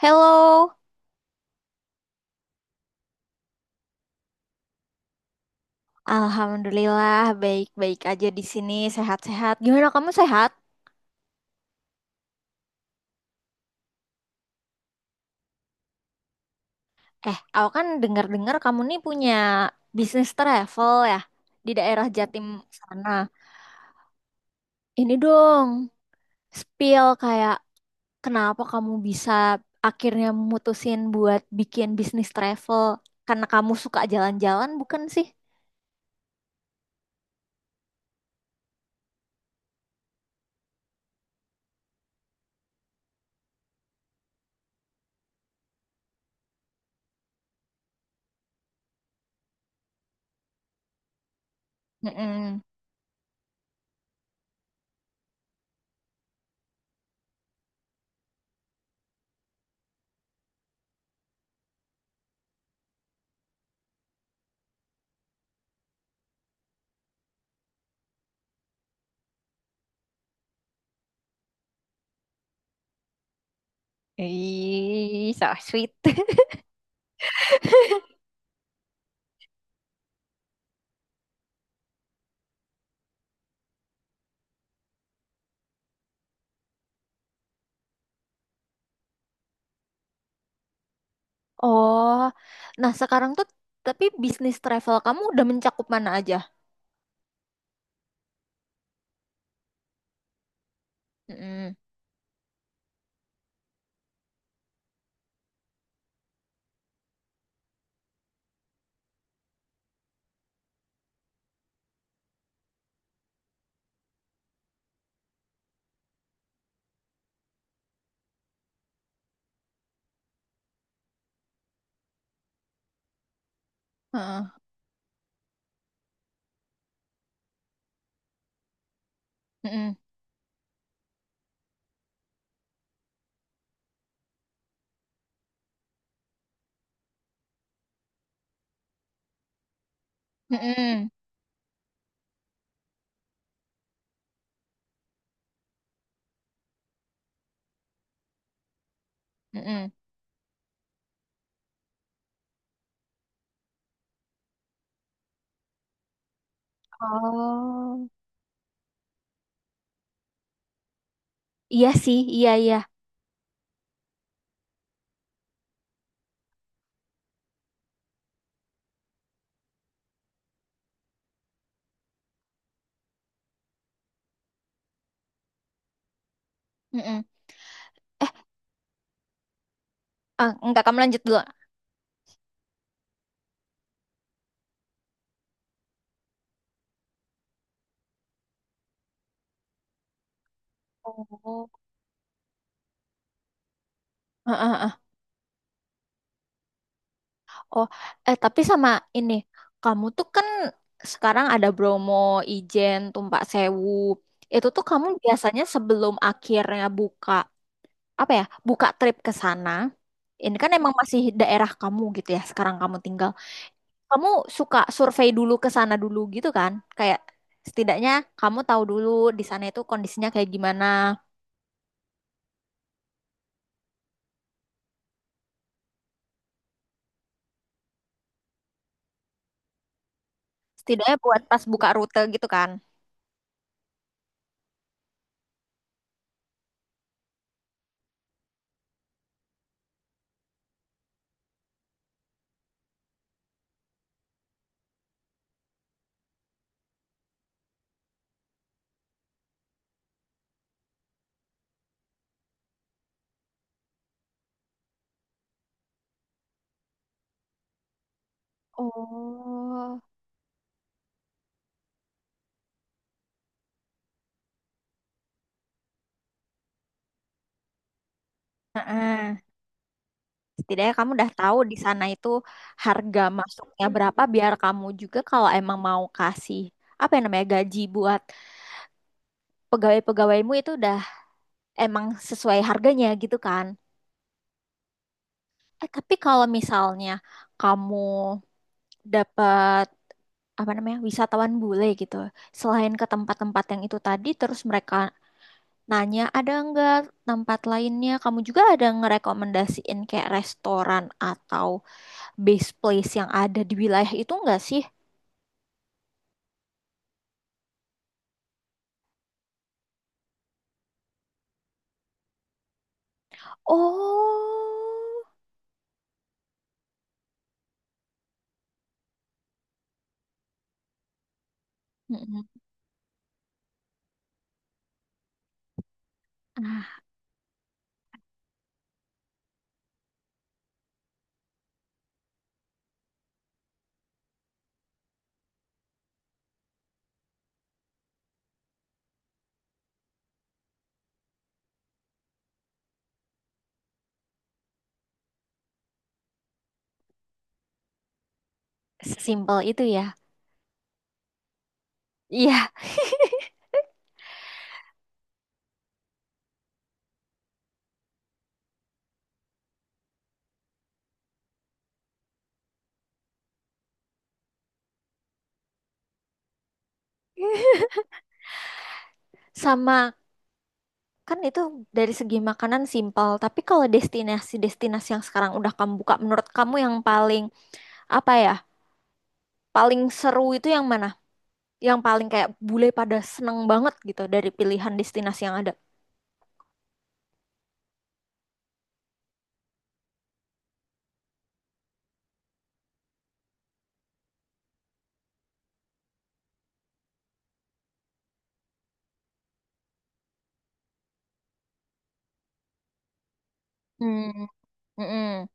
Halo. Alhamdulillah, baik-baik aja di sini, sehat-sehat. Gimana kamu sehat? Aku kan dengar-dengar kamu nih punya bisnis travel ya di daerah Jatim sana. Ini dong, spill kayak kenapa kamu bisa akhirnya mutusin buat bikin bisnis travel? Karena kamu suka jalan-jalan, bukan sih? Mm-mm. Ih, so sweet. Oh, nah sekarang tuh tapi bisnis travel kamu udah mencakup mana aja? Mm-mm. Heeh. Mm-mm. Mm-mm. Mm-mm. Oh, iya sih, iya iya. Mm-mm. Eh, enggak, kamu lanjut dulu. Oh. Heeh, heeh. Oh, tapi sama ini, kamu tuh kan sekarang ada Bromo, Ijen, Tumpak Sewu. Itu tuh kamu biasanya sebelum akhirnya buka apa ya, buka trip ke sana, ini kan emang masih daerah kamu gitu ya, sekarang kamu tinggal, kamu suka survei dulu ke sana dulu gitu kan, kayak setidaknya kamu tahu dulu di sana itu kondisinya kayak gimana, setidaknya buat pas buka rute gitu kan. Oh. Heeh. Setidaknya kamu udah tahu di sana itu harga masuknya berapa biar kamu juga kalau emang mau kasih apa yang namanya gaji buat pegawai-pegawaimu itu udah emang sesuai harganya gitu kan. Tapi kalau misalnya kamu dapat apa namanya wisatawan bule gitu, selain ke tempat-tempat yang itu tadi, terus mereka nanya ada nggak tempat lainnya, kamu juga ada ngerekomendasiin kayak restoran atau base place yang ada di wilayah itu nggak sih? Oh. Mm-mm. Ah, sesimpel itu ya. Iya, sama. Kan itu dari segi makanan simpel, tapi kalau destinasi-destinasi yang sekarang udah kamu buka, menurut kamu yang paling apa ya, paling seru itu yang mana? Yang paling kayak bule pada seneng banget gitu dari pilihan destinasi yang ada. Hmm, mm-mm.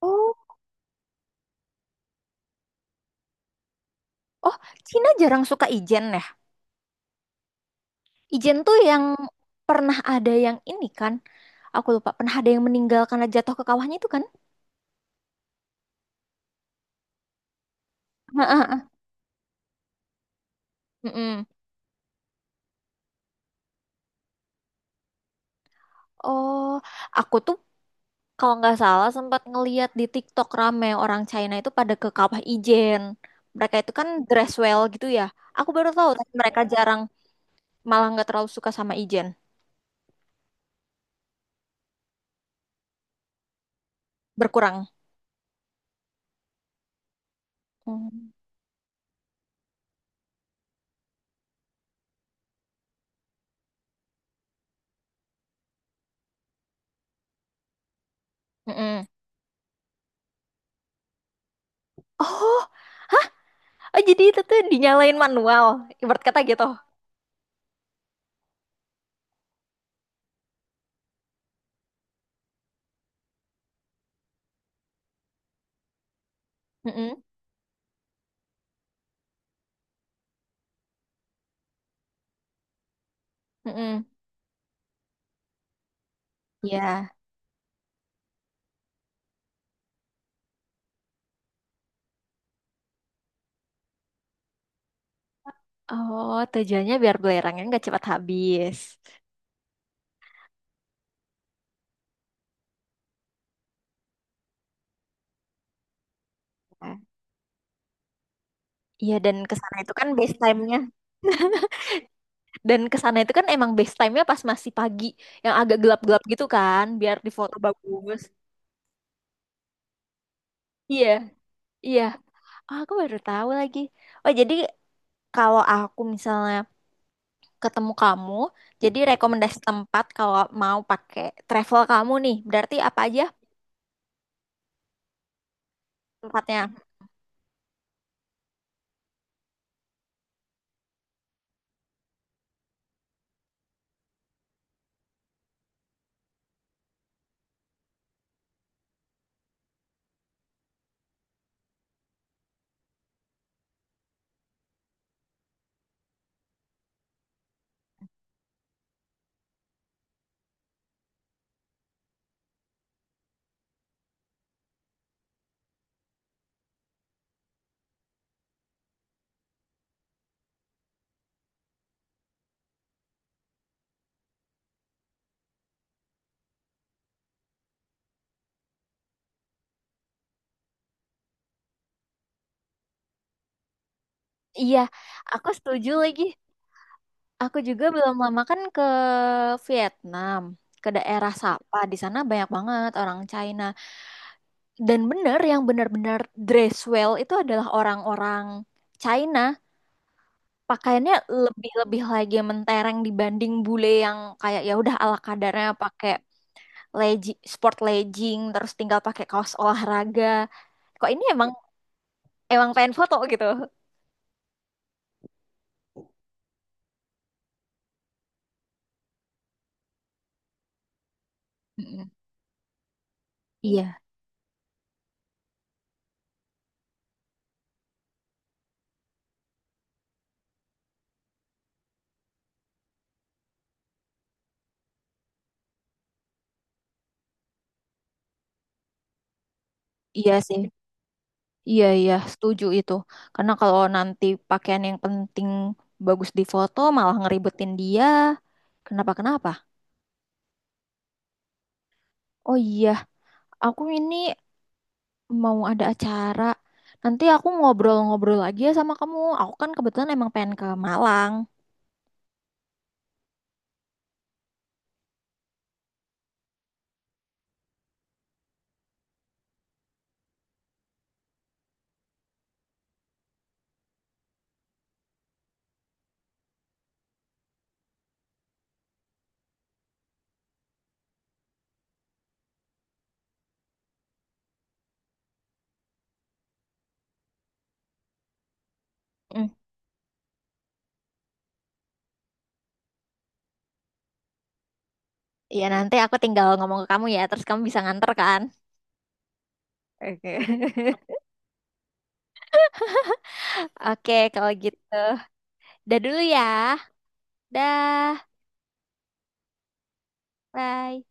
Oh, oh, Cina jarang suka Ijen ya. Ijen tuh yang pernah ada yang ini kan, aku lupa, pernah ada yang meninggal karena jatuh ke kawahnya itu kan? Heeh. Mm-mm. Oh, aku tuh kalau nggak salah sempat ngeliat di TikTok rame orang China itu pada ke Kawah Ijen. Mereka itu kan dress well gitu ya. Aku baru tahu tapi mereka jarang, malah nggak terlalu suka sama Ijen. Berkurang. Hmm. Mm-mm. Oh, oh, jadi itu tuh dinyalain manual. Ibarat kata gitu. Mm-mm. Mm-mm. Ya. Oh, tujuannya biar belerangnya nggak cepat habis. Ya. Iya, dan kesana itu kan base time-nya. Dan kesana itu kan emang best time-nya pas masih pagi, yang agak gelap-gelap gitu kan, biar di foto bagus. Iya, iya. Ah, aku baru tahu lagi. Oh, jadi kalau aku misalnya ketemu kamu, jadi rekomendasi tempat kalau mau pakai travel kamu nih, berarti apa aja tempatnya? Iya, aku setuju lagi. Aku juga belum lama kan ke Vietnam, ke daerah Sapa. Di sana banyak banget orang China. Dan bener yang benar-benar dress well itu adalah orang-orang China. Pakaiannya lebih-lebih lagi mentereng dibanding bule yang kayak ya udah ala kadarnya pakai legging, sport legging, terus tinggal pakai kaos olahraga. Kok ini emang emang pengen foto gitu. Mm-mm. Iya, iya sih. Iya, iya, setuju itu. Karena kalau nanti pakaian yang penting bagus di foto malah ngeribetin dia. Kenapa-kenapa? Oh iya, aku ini mau ada acara. Nanti aku ngobrol-ngobrol lagi ya sama kamu. Aku kan kebetulan emang pengen ke Malang. Mm. Iya, nanti aku tinggal ngomong ke kamu ya, terus kamu bisa nganter kan? Oke. Oke, kalau gitu. Dah dulu ya. Dah. Bye.